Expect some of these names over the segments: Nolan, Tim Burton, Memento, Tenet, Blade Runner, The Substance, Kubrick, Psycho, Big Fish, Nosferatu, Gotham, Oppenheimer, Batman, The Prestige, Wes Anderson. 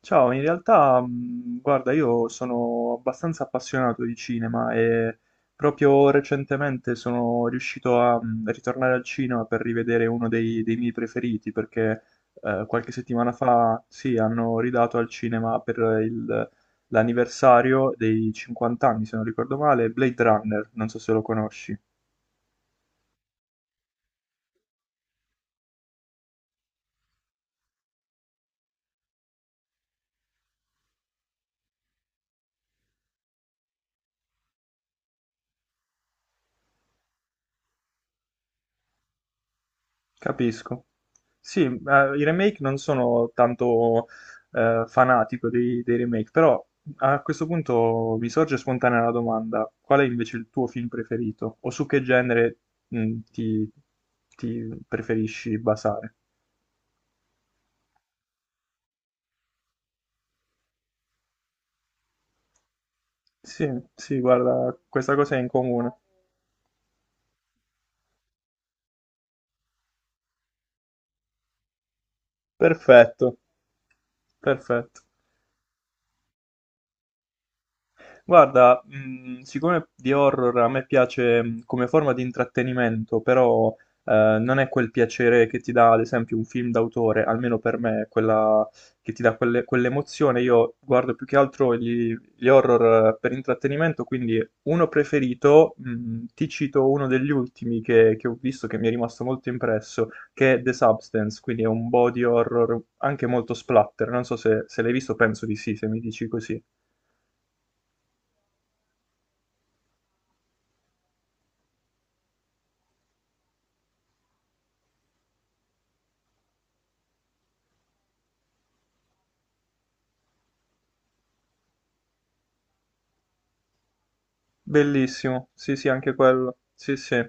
Ciao, in realtà, guarda, io sono abbastanza appassionato di cinema e proprio recentemente sono riuscito a ritornare al cinema per rivedere uno dei miei preferiti, perché qualche settimana fa, sì, hanno ridato al cinema per il- l'anniversario dei 50 anni, se non ricordo male, Blade Runner, non so se lo conosci. Capisco. Sì, i remake non sono tanto fanatico dei remake, però a questo punto mi sorge spontanea la domanda: qual è invece il tuo film preferito? O su che genere mh, ti, ti preferisci basare? Sì, sì, guarda, questa cosa è in comune. Perfetto, perfetto. Guarda, siccome di horror a me piace come forma di intrattenimento, però non è quel piacere che ti dà, ad esempio, un film d'autore, almeno per me, quella che ti dà quell'emozione. Io guardo più che altro gli horror per intrattenimento, quindi uno preferito, ti cito uno degli ultimi che ho visto, che mi è rimasto molto impresso, che è The Substance, quindi è un body horror anche molto splatter. Non so se se l'hai visto, penso di sì, se mi dici così. Bellissimo, sì sì anche quello, sì sì,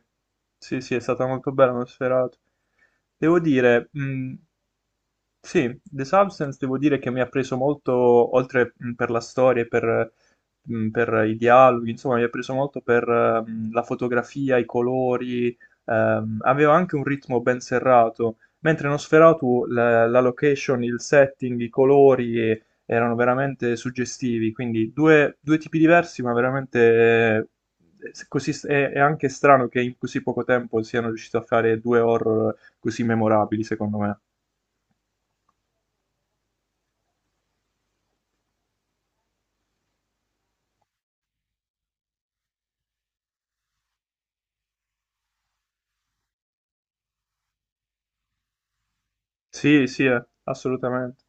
sì sì è stata molto bella, uno sferato. Devo dire, sì, The Substance devo dire che mi ha preso molto, oltre per la storia e per i dialoghi, insomma, mi ha preso molto per la fotografia, i colori, aveva anche un ritmo ben serrato, mentre in Nosferatu la location, il setting, i colori erano veramente suggestivi, quindi due tipi diversi, ma veramente così, è anche strano che in così poco tempo siano riusciti a fare due horror così memorabili, secondo me. Sì, sì, assolutamente.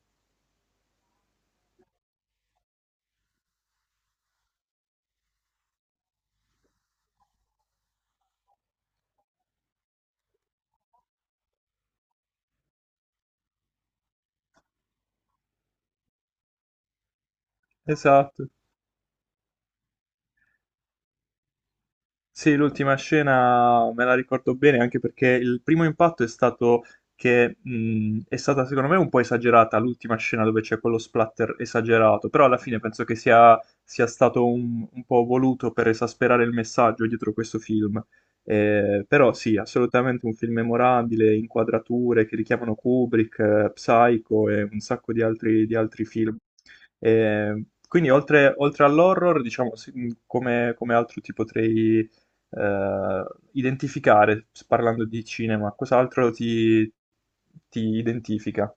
Esatto. Sì, l'ultima scena me la ricordo bene anche perché il primo impatto è stato che è stata secondo me un po' esagerata l'ultima scena dove c'è quello splatter esagerato, però alla fine penso che sia stato un po' voluto per esasperare il messaggio dietro questo film. Però sì, assolutamente un film memorabile, inquadrature che richiamano Kubrick, Psycho e un sacco di di altri film. Eh, quindi oltre all'horror, diciamo, sì, come altro ti potrei eh, identificare, parlando di cinema, ti identifica?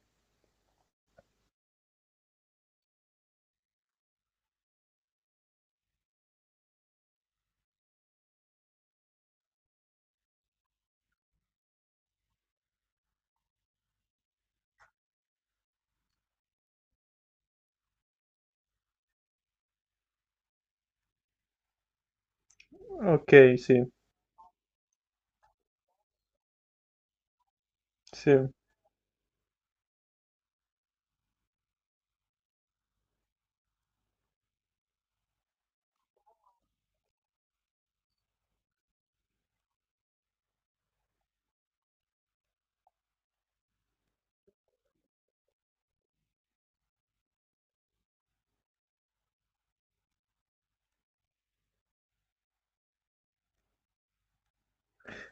Ok, sì, sì.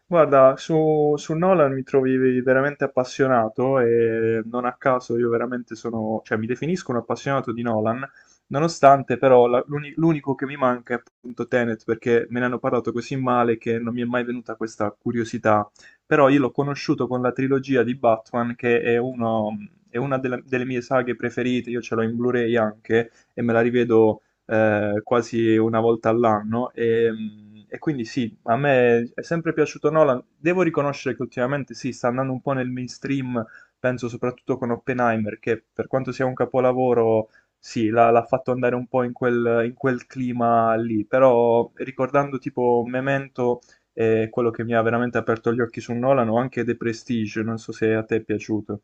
Guarda, su Nolan mi trovi veramente appassionato e non a caso io veramente sono, cioè mi definisco un appassionato di Nolan, nonostante però l'unico che mi manca è appunto Tenet perché me ne hanno parlato così male che non mi è mai venuta questa curiosità, però io l'ho conosciuto con la trilogia di Batman che è, è una delle mie saghe preferite, io ce l'ho in Blu-ray anche e me la rivedo quasi una volta all'anno. E quindi sì, a me è sempre piaciuto Nolan. Devo riconoscere che ultimamente sì, sta andando un po' nel mainstream, penso soprattutto con Oppenheimer, che per quanto sia un capolavoro, sì, l'ha fatto andare un po' in in quel clima lì. Però ricordando tipo Memento, quello che mi ha veramente aperto gli occhi su Nolan, o anche The Prestige, non so se a te è piaciuto.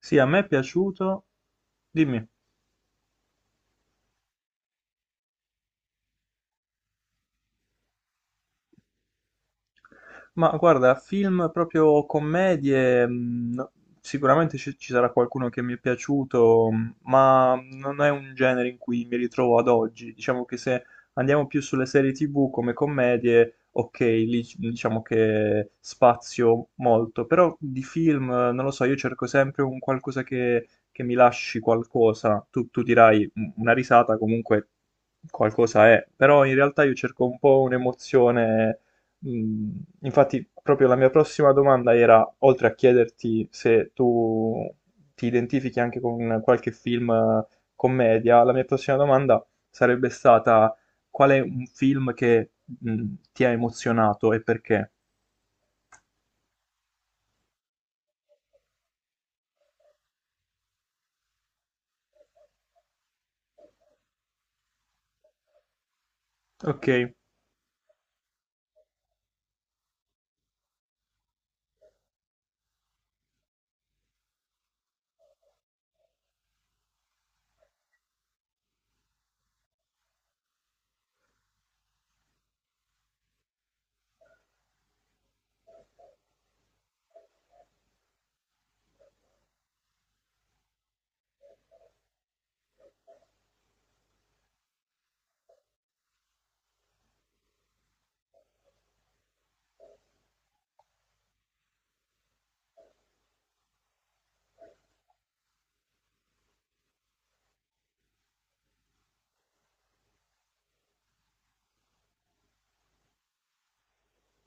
Sì, a me è piaciuto. Dimmi. Ma guarda, film proprio commedie, sicuramente ci sarà qualcuno che mi è piaciuto, ma non è un genere in cui mi ritrovo ad oggi. Diciamo che se andiamo più sulle serie TV come commedie, ok, diciamo che spazio molto, però di film, non lo so, io cerco sempre un qualcosa che mi lasci qualcosa. Tu dirai "Mm, una risata, comunque qualcosa è, però in realtà io cerco un po' un'emozione Mm, Infatti, proprio la mia prossima domanda era, oltre a chiederti se tu ti identifichi anche con qualche film commedia, la mia prossima domanda sarebbe stata qual è un film che ti ha emozionato e perché? Ok.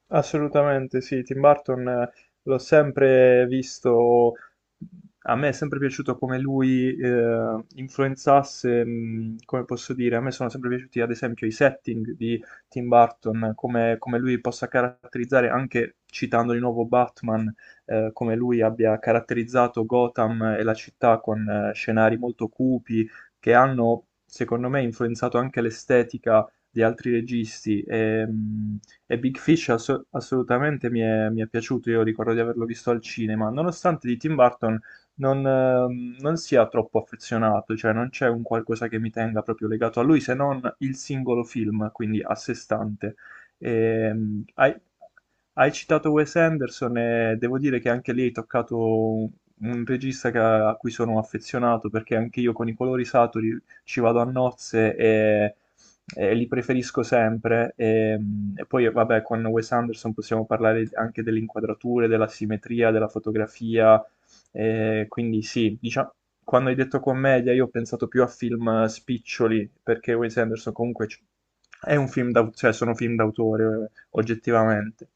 Assolutamente sì, Tim Burton l'ho sempre visto, a me è sempre piaciuto come lui influenzasse, come posso dire, a me sono sempre piaciuti ad esempio i setting di Tim Burton, come lui possa caratterizzare, anche citando di nuovo Batman, come lui abbia caratterizzato Gotham e la città con scenari molto cupi che hanno, secondo me, influenzato anche l'estetica di altri registi e Big Fish assolutamente mi è piaciuto, io ricordo di averlo visto al cinema, nonostante di Tim Burton non sia troppo affezionato, cioè non c'è un qualcosa che mi tenga proprio legato a lui se non il singolo film, quindi a sé stante. Ehm, hai, Hai citato Wes Anderson e devo dire che anche lì hai toccato un un regista a cui sono affezionato perché anche io con i colori saturi ci vado a nozze e li preferisco sempre. E poi, vabbè, con Wes Anderson possiamo parlare anche delle inquadrature, della simmetria, della fotografia. Quindi sì, diciamo, quando hai detto commedia, io ho pensato più a film spiccioli, perché Wes Anderson è un film d'autore, cioè sono film d'autore, oggettivamente.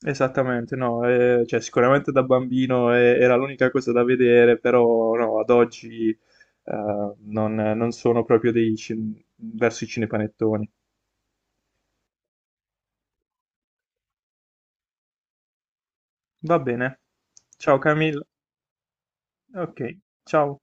Esattamente, no, cioè, sicuramente da bambino era l'unica cosa da vedere, però no, ad oggi non sono proprio verso i cinepanettoni. Va bene, ciao Camille, ok, ciao.